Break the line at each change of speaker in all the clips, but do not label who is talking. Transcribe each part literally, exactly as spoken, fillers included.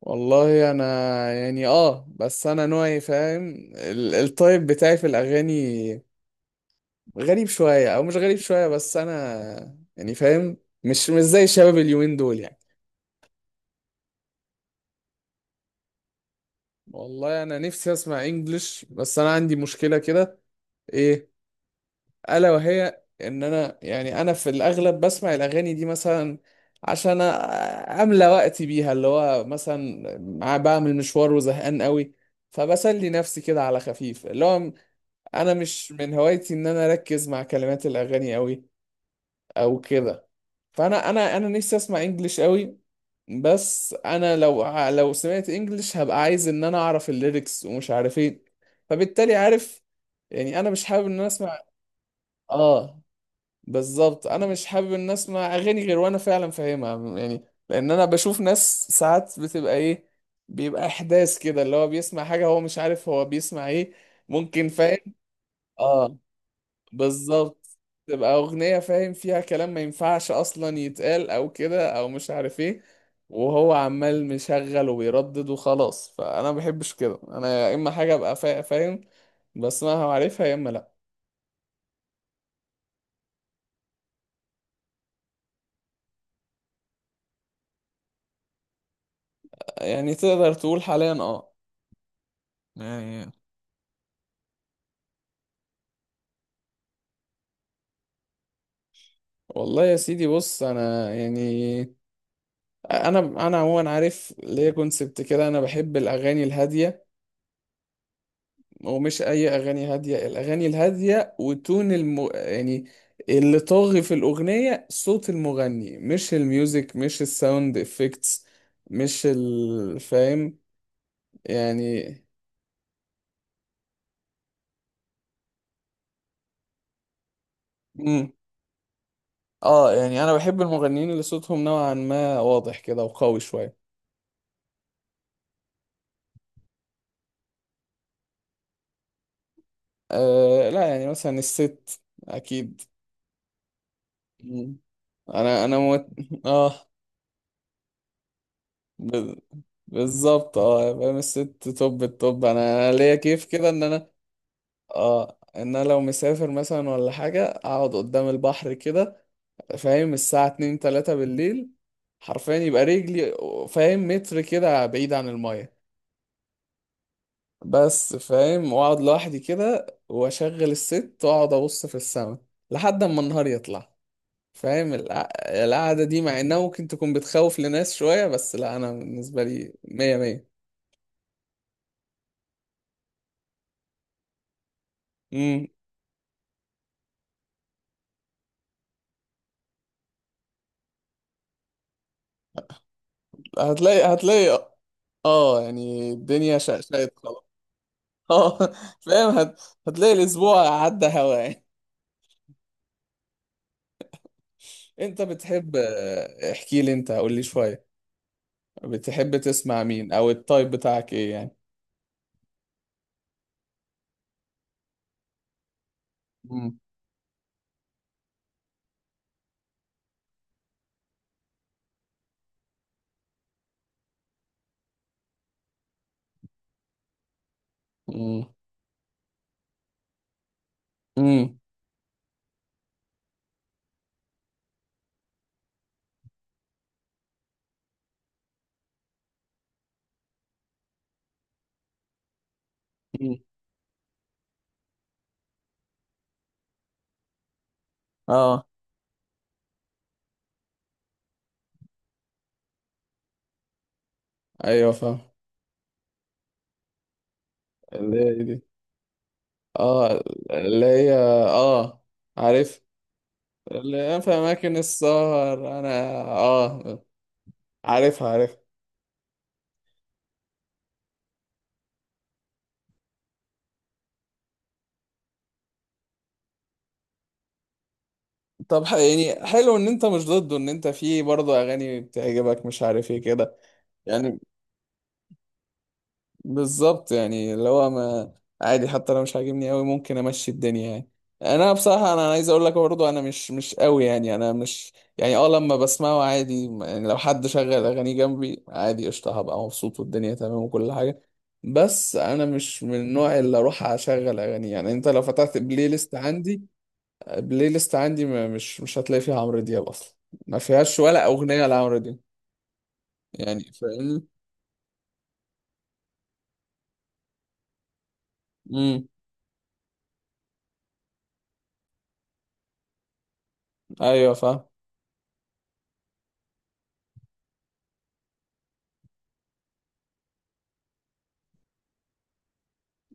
والله انا يعني اه بس انا نوعي فاهم ال- التايب بتاعي في الاغاني غريب شويه او مش غريب شويه بس انا يعني فاهم مش مش زي شباب اليومين دول يعني. والله انا نفسي اسمع انجلش بس انا عندي مشكله كده ايه الا وهي ان انا يعني انا في الاغلب بسمع الاغاني دي مثلا عشان أ- املى وقتي بيها اللي هو مثلا مع- بعمل مشوار وزهقان قوي فبسلي نفسي كده على خفيف اللي هو انا مش من هوايتي ان انا اركز مع كلمات الاغاني قوي او كده فانا انا انا نفسي اسمع انجليش قوي بس انا لو ع- لو سمعت انجليش هبقى عايز ان انا اعرف الليركس ومش عارف ايه فبالتالي عارف يعني انا مش حابب ان انا اسمع. اه، بالظبط انا مش حابب ان اسمع اغاني غير وانا فعلا فاهمها يعني لان انا بشوف ناس ساعات بتبقى ايه بيبقى احداث كده اللي هو بيسمع حاجة هو مش عارف هو بيسمع ايه ممكن فاهم. اه، بالظبط تبقى أغنية فاهم فيها كلام ما ينفعش أصلا يتقال أو كده أو مش عارف إيه وهو عمال مشغل وبيردد وخلاص فأنا ما بحبش كده أنا يا إما حاجة أبقى فا- فاهم بسمعها وعارفها يا إما لأ. يعني تقدر تقول حاليا أه. يعني والله يا سيدي بص أنا يعني أنا أنا عموما عارف ليا كونسبت كده أنا بحب الأغاني الهادية ومش اي اغاني هاديه الاغاني الهاديه وتون الم... يعني اللي طاغي في الاغنيه صوت المغني مش الميوزك مش الساوند افكتس مش ال- فاهم يعني. مم. اه يعني انا بحب المغنيين اللي صوتهم نوعا ما واضح كده وقوي شويه. آه لا يعني مثلا الست اكيد. مم. انا انا موت... اه. ب... بالظبط اه فاهم الست توب التوب انا انا ليا كيف كده ان انا، اه، ان انا لو مسافر مثلا ولا حاجة اقعد قدام البحر كده فاهم الساعة اتنين تلاتة بالليل حرفيا يبقى رجلي فاهم متر كده بعيد عن المية بس فاهم واقعد لوحدي كده واشغل الست واقعد ابص في السماء لحد اما النهار يطلع فاهم الع- القعدة دي مع انها ممكن تكون بتخوف لناس شوية بس لا انا بالنسبة لي مية مية. امم. هتلاقي هتلاقي اه يعني الدنيا شقشقت خلاص. اه فاهم هت... هتلاقي الاسبوع عدى هوا يعني. انت بتحب، آه، احكي لي انت قول لي شوية بتحب تسمع مين او التايب بتاعك ايه يعني. امم. امم. امم. أمم. اه. ايوه فاهم. اللي هي دي. اه. اللي هي. اه، عارف. اللي هي في اماكن السهر انا. اه، عارفها عارف. طب ح- يعني حلو ان انت مش ضده ان انت في برضه اغاني بتعجبك مش عارف ايه كده يعني. بالظبط يعني اللي هو ما عادي حتى لو مش عاجبني قوي ممكن امشي الدنيا يعني. انا بصراحه انا عايز اقول لك برضه انا مش مش قوي يعني انا مش يعني اه لما بسمعه عادي يعني لو حد شغل اغاني جنبي عادي قشطه هبقى مبسوط والدنيا تمام وكل حاجه بس انا مش من النوع اللي اروح اشغل اغاني يعني انت لو فتحت بلاي ليست عندي. بلاي ليست عندي ما مش مش هتلاقي فيها عمرو دياب اصلا ما فيهاش ولا اغنيه لعمرو دياب. يعني فاهمني. امم. ايوه فاهم.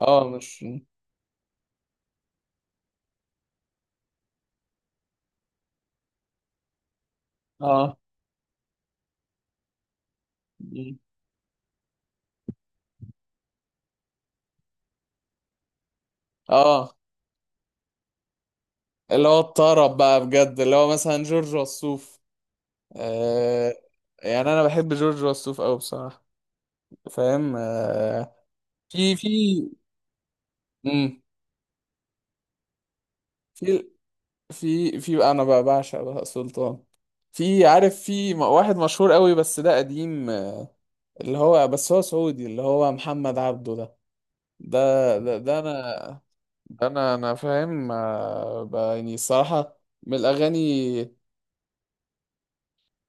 اه مش. اه. اه اللي هو الطرب بقى بجد اللي هو مثلا جورج وسوف. آه يعني انا بحب جورج وسوف قوي بصراحه فاهم آه. في في امم في في في انا بقى بعشق بهاء سلطان. في عارف في م- واحد مشهور قوي بس ده قديم، آه، اللي هو بس هو سعودي اللي هو محمد عبده ده ده ده, ده, انا ده انا انا فاهم، آه، ب- يعني الصراحه من الاغاني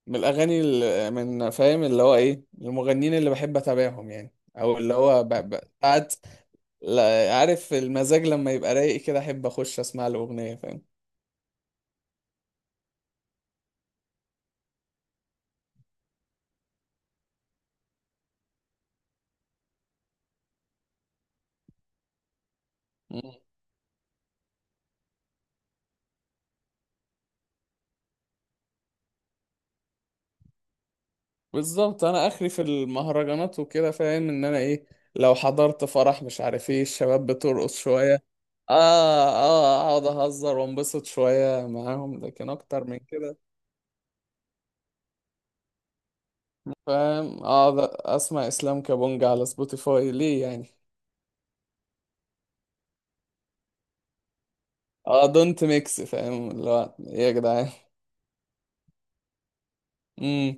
من الاغاني ال- من فاهم اللي هو ايه المغنيين اللي بحب اتابعهم يعني او اللي هو ب- ب- ساعات لا- عارف المزاج لما يبقى رايق كده احب اخش اسمع له اغنيه فاهم. مم. بالظبط انا اخري في المهرجانات وكده فاهم ان انا ايه لو حضرت فرح مش عارف ايه الشباب بترقص شويه. اه. اه اقعد اهزر وانبسط شويه معاهم لكن اكتر من كده فاهم اقعد اسمع اسلام كابونجا على سبوتيفاي ليه يعني. اه دونت ميكس فاهم اللي هو ايه يا جدعان. امم.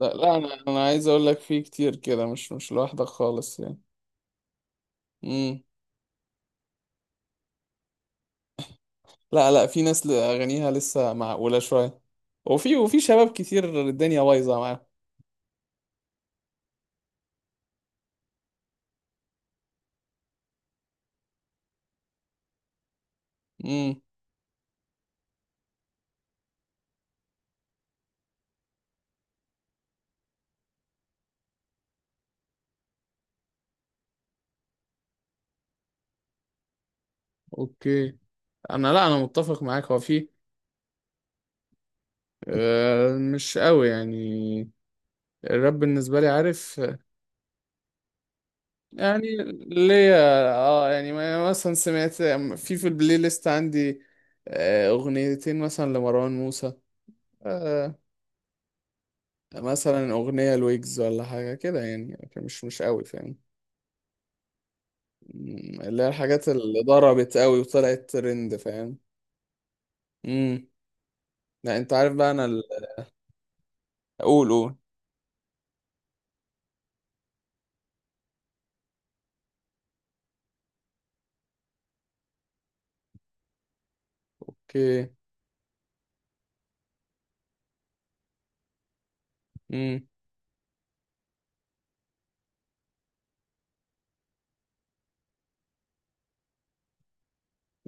لا، لا، انا انا عايز اقول لك في كتير كده مش مش لوحدك خالص يعني. امم. لا، لا، في ناس ل- اغانيها لسه معقوله شويه وفي وفي شباب كتير الدنيا بايظه معاهم. امم. اوكي. انا لا انا متفق معاك هو في. آه مش قوي يعني. الراب بالنسبه لي عارف يعني ليا اه يعني ما- مثلا سمعت في في البلاي ليست عندي، آه، اغنيتين مثلا لمروان موسى، آه، مثلا أغنية لويجز ولا حاجة كده يعني لكن مش مش قوي فاهم. مم، اللي هي الحاجات اللي ضربت قوي وطلعت ترند فاهم. امم. لا انت عارف بقى انا ال- اقول قول. اوكي. امم.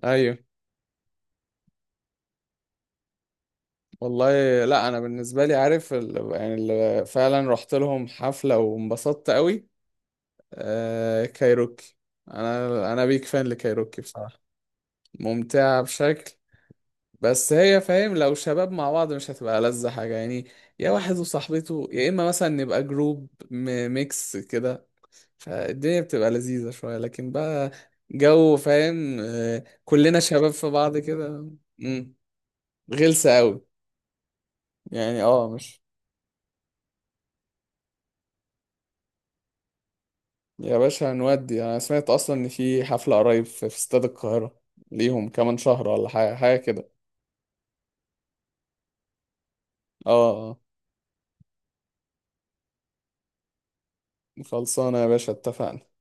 ايوه. والله. لا انا بالنسبة لي عارف ال... يعني اللي فعلا رحت لهم حفلة وانبسطت قوي، آه، كايروكي. انا انا بيك فان لكايروكي بصراحة ممتعة بشكل بس هي فاهم لو شباب مع بعض مش هتبقى لذة حاجة يعني يا واحد وصاحبته يا إما مثلا نبقى جروب م- ميكس كده فالدنيا بتبقى لذيذة شوية لكن بقى جو فاهم، آه، كلنا شباب في بعض كده. مم، غلسة أوي يعني. اه مش. يا باشا هنودي أنا سمعت أصلا إن في حفلة قريب في في استاد القاهرة ليهم كمان شهر ولا حاجة حاجة كده. اه آه. خلصانة يا باشا اتفقنا.